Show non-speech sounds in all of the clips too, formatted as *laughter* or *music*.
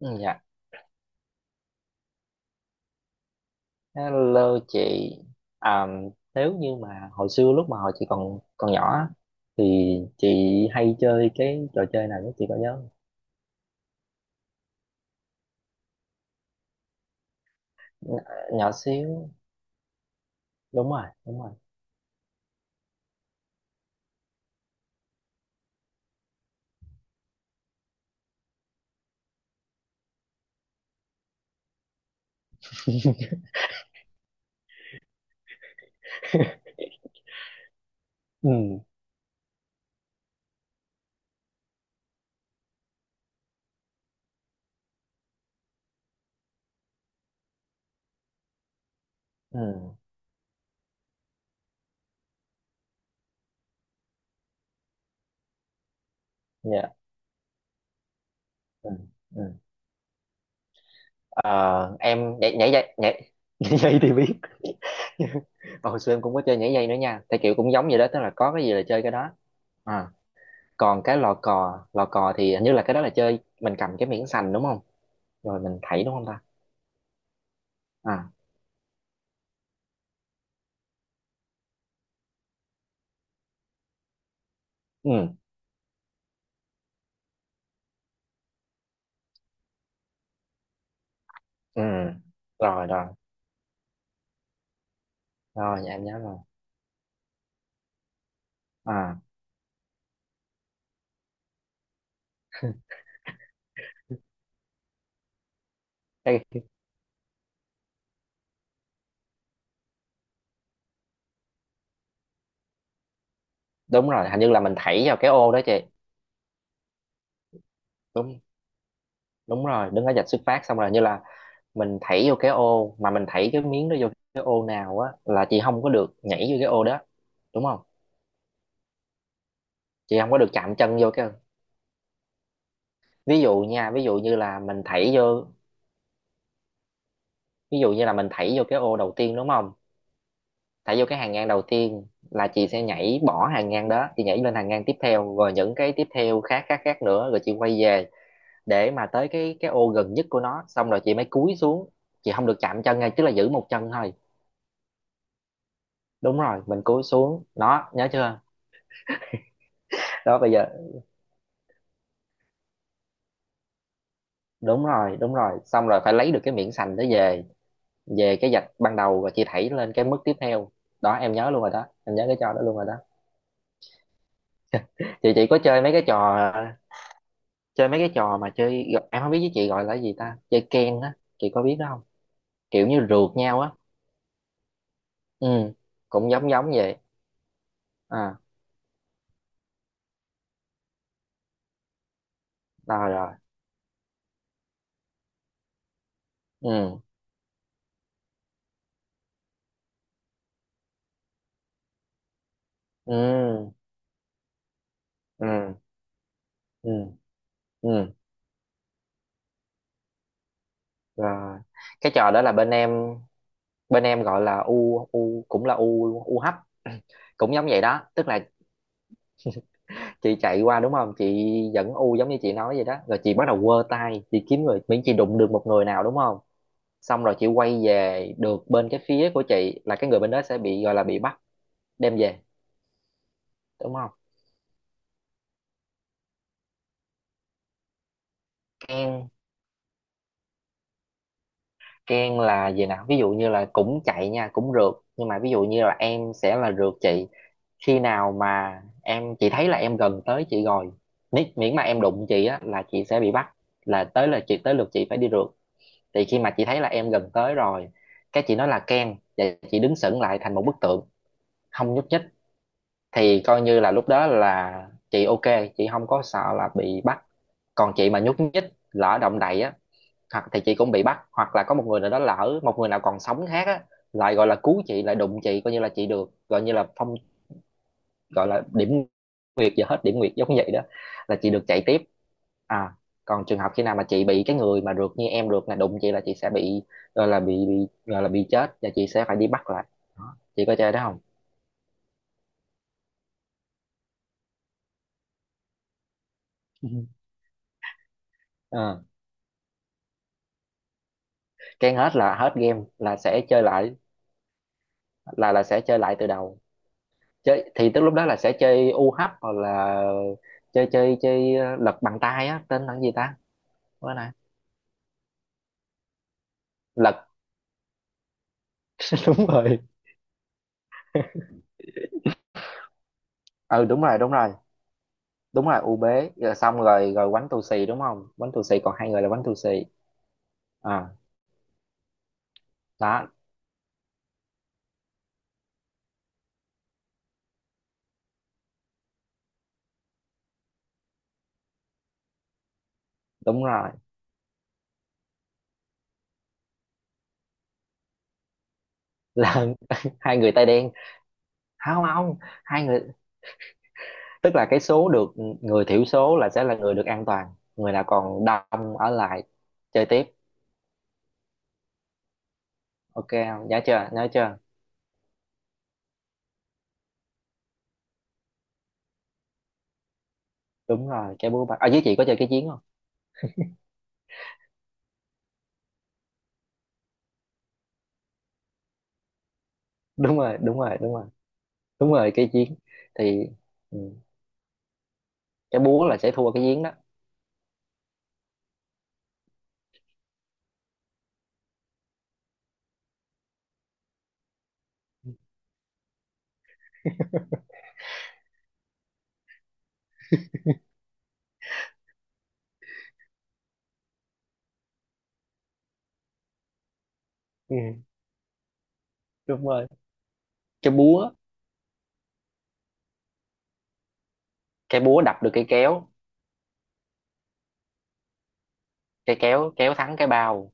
Ừ, dạ, hello chị. À, nếu như mà hồi xưa lúc mà hồi chị còn còn nhỏ á, thì chị hay chơi cái trò chơi nào nhất chị có nhớ không? Nhỏ xíu, đúng rồi, đúng rồi. *laughs* Ừ, ừ, dạ, ừ, ừ. Ờ, em nhảy nhảy dây, nhảy *laughs* nhảy dây thì biết. *laughs* Mà hồi xưa em cũng có chơi nhảy dây nữa nha. Theo kiểu cũng giống vậy đó, tức là có cái gì là chơi cái đó. À, còn cái lò cò thì hình như là cái đó là chơi mình cầm cái miếng sành đúng không? Rồi mình thảy đúng không ta? À, ừ, ừ, rồi rồi rồi, dạ em nhớ rồi. À, cái đúng rồi, hình như là mình thảy vào cái ô đó chị. Đúng, đúng rồi, đứng ở vạch xuất phát xong rồi như là mình thảy vô cái ô mà mình thảy cái miếng đó vô. Cái ô nào á là chị không có được nhảy vô cái ô đó, đúng không, chị không có được chạm chân vô cái, ví dụ nha, ví dụ như là mình thảy vô, ví dụ như là mình thảy vô cái ô đầu tiên đúng không, thảy vô cái hàng ngang đầu tiên là chị sẽ nhảy bỏ hàng ngang đó, chị nhảy lên hàng ngang tiếp theo rồi những cái tiếp theo khác khác khác nữa, rồi chị quay về để mà tới cái ô gần nhất của nó, xong rồi chị mới cúi xuống, chị không được chạm chân ngay, tức là giữ một chân thôi. Đúng rồi, mình cúi xuống đó nhớ chưa. Đó bây giờ, đúng rồi đúng rồi, xong rồi phải lấy được cái miếng sành đó về, về cái vạch ban đầu rồi chị thảy lên cái mức tiếp theo. Đó em nhớ luôn rồi đó, em nhớ cái trò đó luôn rồi đó. Chị có chơi mấy cái trò, chơi mấy cái trò mà chơi, em không biết với chị gọi là gì ta, chơi ken á chị có biết đó không, kiểu như rượt nhau á. Ừ, cũng giống giống vậy. À, rồi rồi, ừ, ừ, ừ, ừ, ừ, rồi, cái trò đó là bên em, bên em gọi là u u, cũng là u u hấp. *clears throat* Cũng giống vậy đó, tức là chị chạy qua đúng không chị, dẫn u giống như chị nói vậy đó, rồi chị bắt đầu quơ tay, chị kiếm người, miễn chị đụng được một người nào đúng không, xong rồi chị quay về được bên cái phía của chị là cái người bên đó sẽ bị gọi là bị bắt, đem về, đúng không. Ken, Ken là gì nào, ví dụ như là cũng chạy nha, cũng rượt, nhưng mà ví dụ như là em sẽ là rượt chị, khi nào mà chị thấy là em gần tới chị rồi, miễn mà em đụng chị á là chị sẽ bị bắt, là tới là chị tới lượt chị phải đi rượt, thì khi mà chị thấy là em gần tới rồi, cái chị nói là Ken và chị đứng sững lại thành một bức tượng, không nhúc nhích, thì coi như là lúc đó là chị ok, chị không có sợ là bị bắt, còn chị mà nhúc nhích, lỡ động đậy á, hoặc thì chị cũng bị bắt, hoặc là có một người nào đó, lỡ một người nào còn sống khác á, lại gọi là cứu chị, lại đụng chị, coi như là chị được gọi như là phong, gọi là điểm nguyệt, giờ hết điểm nguyệt giống vậy đó, là chị được chạy tiếp. À, còn trường hợp khi nào mà chị bị cái người mà rượt như em rượt là đụng chị là chị sẽ bị gọi là bị gọi là bị chết, và chị sẽ phải đi bắt lại. Đó, chị có chơi đó không. Ừ. Ờ, cái hết là hết game là sẽ chơi lại, là sẽ chơi lại từ đầu, chơi thì tức lúc đó là sẽ chơi u UH hoặc là chơi chơi chơi lật bằng tay á tên là cái gì ta, bữa nay lật. *laughs* Đúng rồi, ừ đúng rồi, đúng rồi, đúng rồi, u bế rồi, xong rồi rồi quánh tù xì đúng không, quánh tù xì còn hai người là quánh tù xì. À, đó đúng rồi, là *laughs* hai người tay đen, không không, hai người, tức là cái số được, người thiểu số là sẽ là người được an toàn, người nào còn đông ở lại chơi tiếp, ok không, nhớ chưa, nhớ chưa. Đúng rồi cái búa bạc ở dưới, chị có chơi cái chiến không. *laughs* Đúng rồi, đúng rồi, đúng rồi, đúng rồi cái chiến thì ừ, cái búa là sẽ thua cái giếng đó. Ừ, đúng rồi cái búa, cái búa đập được cái kéo, cái kéo kéo thắng cái bao,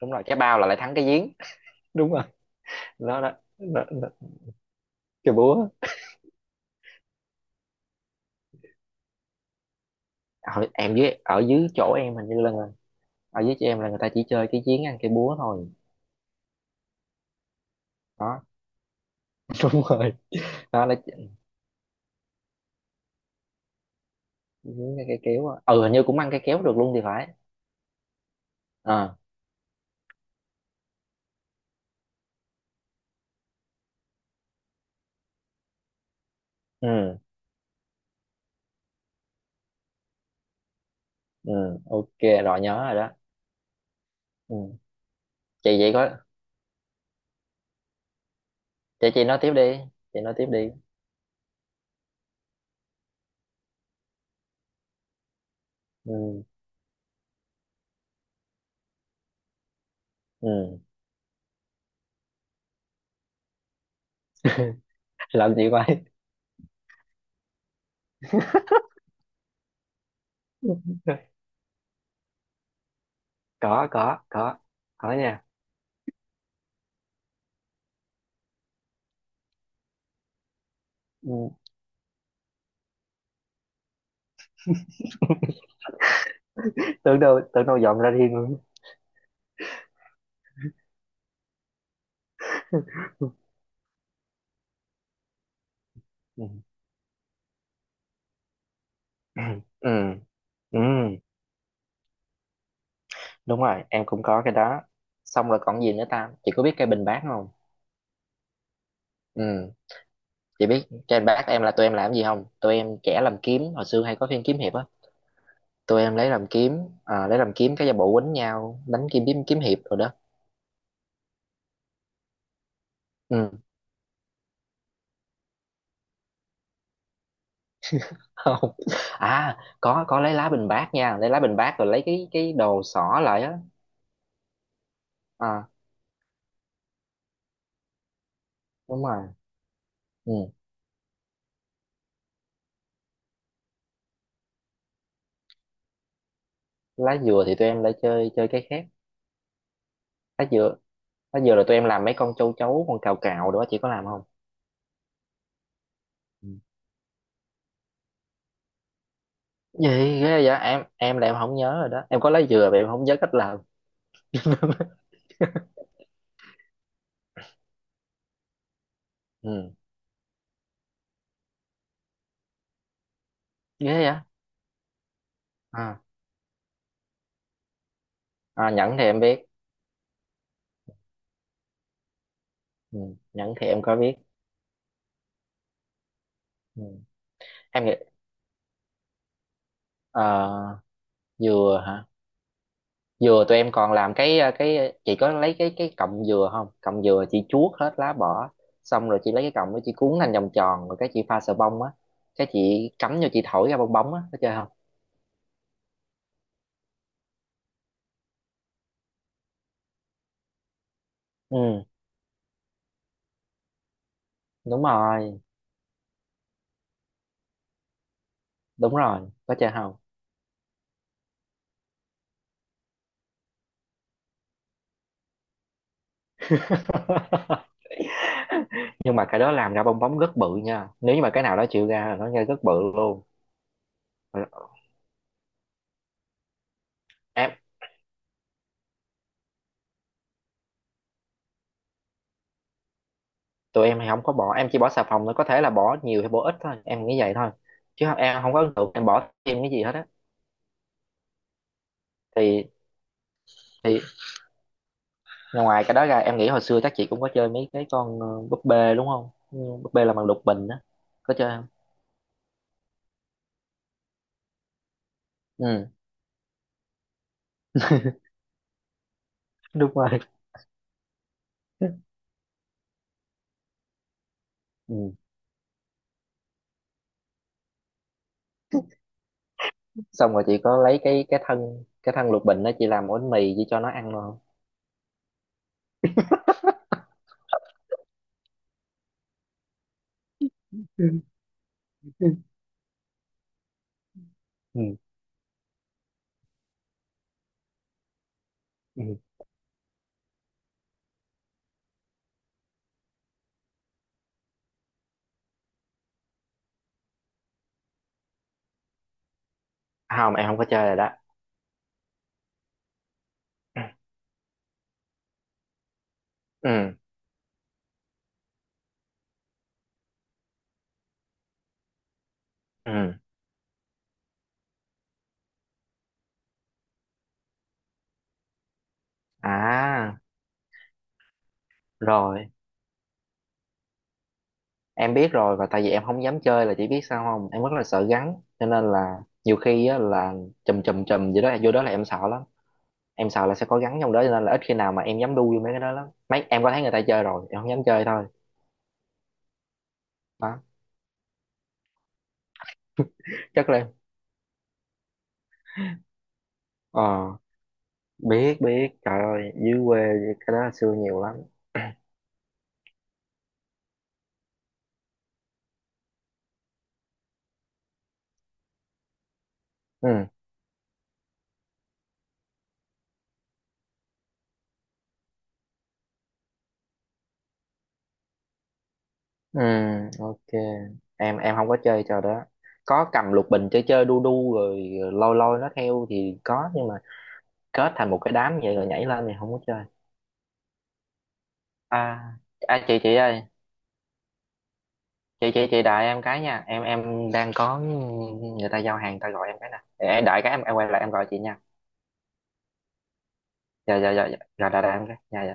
đúng rồi cái bao là lại thắng cái giếng, đúng rồi, nó đó, nó cái búa. Ở, em dưới ở dưới chỗ em hình như là, ở dưới chỗ em là người ta chỉ chơi cái giếng ăn cái búa thôi. Đó. *laughs* Đúng rồi, đó là giếng ăn cái kéo á. Ừ hình như cũng ăn cái kéo được luôn thì phải. À, ừ, ừ ok rồi nhớ rồi đó. Ừ. Chị vậy có, chị nói tiếp đi, chị nói tiếp đi. Ừ, ừ. *laughs* Làm gì vậy. *laughs* có có có có nha, ừ. Tưởng đâu tưởng đâu dọn ra riêng luôn. *laughs* Ừ. *clears throat* Ừ, ừ, ừ, đúng rồi em cũng có cái đó, xong rồi còn gì nữa ta, chị có biết cây bình bát không. Ừ, chị biết cây bình bát, em là tụi em làm gì không, tụi em trẻ làm kiếm, hồi xưa hay có phim kiếm hiệp á, tụi em lấy làm kiếm. À, lấy làm kiếm cái giả bộ quýnh nhau đánh kiếm kiếm kiếm hiệp rồi đó. Ừ. *laughs* Không, à có lấy lá bình bát nha, lấy lá bình bát rồi lấy cái đồ xỏ lại á. À đúng rồi, ừ. Lá dừa thì tụi em lại chơi chơi cái khác. Lá dừa, lá dừa là tụi em làm mấy con châu chấu con cào cào đó chị có làm không. Ừ. Gì ghê vậy, em là em không nhớ rồi đó, em có lá dừa mà em không nhớ cách làm. *laughs* Ừ ghê vậy. À, à nhẫn thì em biết. Ừ. Nhẫn thì em có biết. Ừ. Em nghĩ, ờ, dừa hả. Dừa tụi em còn làm cái cái chị có lấy cái cọng dừa không, cọng dừa chị chuốt hết lá bỏ, xong rồi chị lấy cái cọng đó chị cuốn thành vòng tròn rồi cái chị pha sờ bông á, cái chị cắm vô chị thổi ra bong bóng á, có chơi không. Ừ đúng rồi đúng rồi, có chơi không. *laughs* Nhưng mà cái đó làm ra bong bóng rất bự nha, nếu như mà cái nào đó chịu ra là nó ra rất bự luôn. Em, tụi em thì không có bỏ, em chỉ bỏ xà phòng thôi, có thể là bỏ nhiều hay bỏ ít thôi em nghĩ vậy thôi, chứ không, em không có ấn tượng em bỏ thêm cái gì hết á, thì thì ngoài cái đó ra em nghĩ hồi xưa chắc chị cũng có chơi mấy cái con búp bê đúng không, ừ, búp bê là bằng lục bình á, có chơi không. Ừ. *laughs* Đúng rồi. Ừ. Xong rồi chị có lấy cái cái thân lục bình đó chị làm bánh mì chị cho nó ăn luôn không. Ừ. Ừ. Ừ. À, không em không có chơi rồi đó. Ừ, ừ, à rồi em biết rồi, và tại vì em không dám chơi là chỉ biết sao không, em rất là sợ rắn, cho nên là nhiều khi á, là chùm chùm chùm gì đó vô đó là em sợ lắm, em sợ là sẽ có rắn trong đó, cho nên là ít khi nào mà em dám đu vô mấy cái đó lắm, mấy em có thấy người ta chơi rồi em không dám chơi thôi. Đó chắc là em. Ờ biết biết, trời ơi dưới quê cái đó xưa nhiều lắm. *clears throat* Ừ, ừ ok, em không có chơi trò đó, có cầm lục bình chơi chơi đu đu rồi lôi lôi nó theo thì có, nhưng mà kết thành một cái đám vậy rồi nhảy lên thì không có chơi. À, à chị ơi chị đợi em cái nha, em đang có người ta giao hàng, người ta gọi em cái nè, để em đợi cái em quay lại em gọi chị nha. Dạ dạ dạ dạ rồi đợi, đợi em cái, dạ dạ.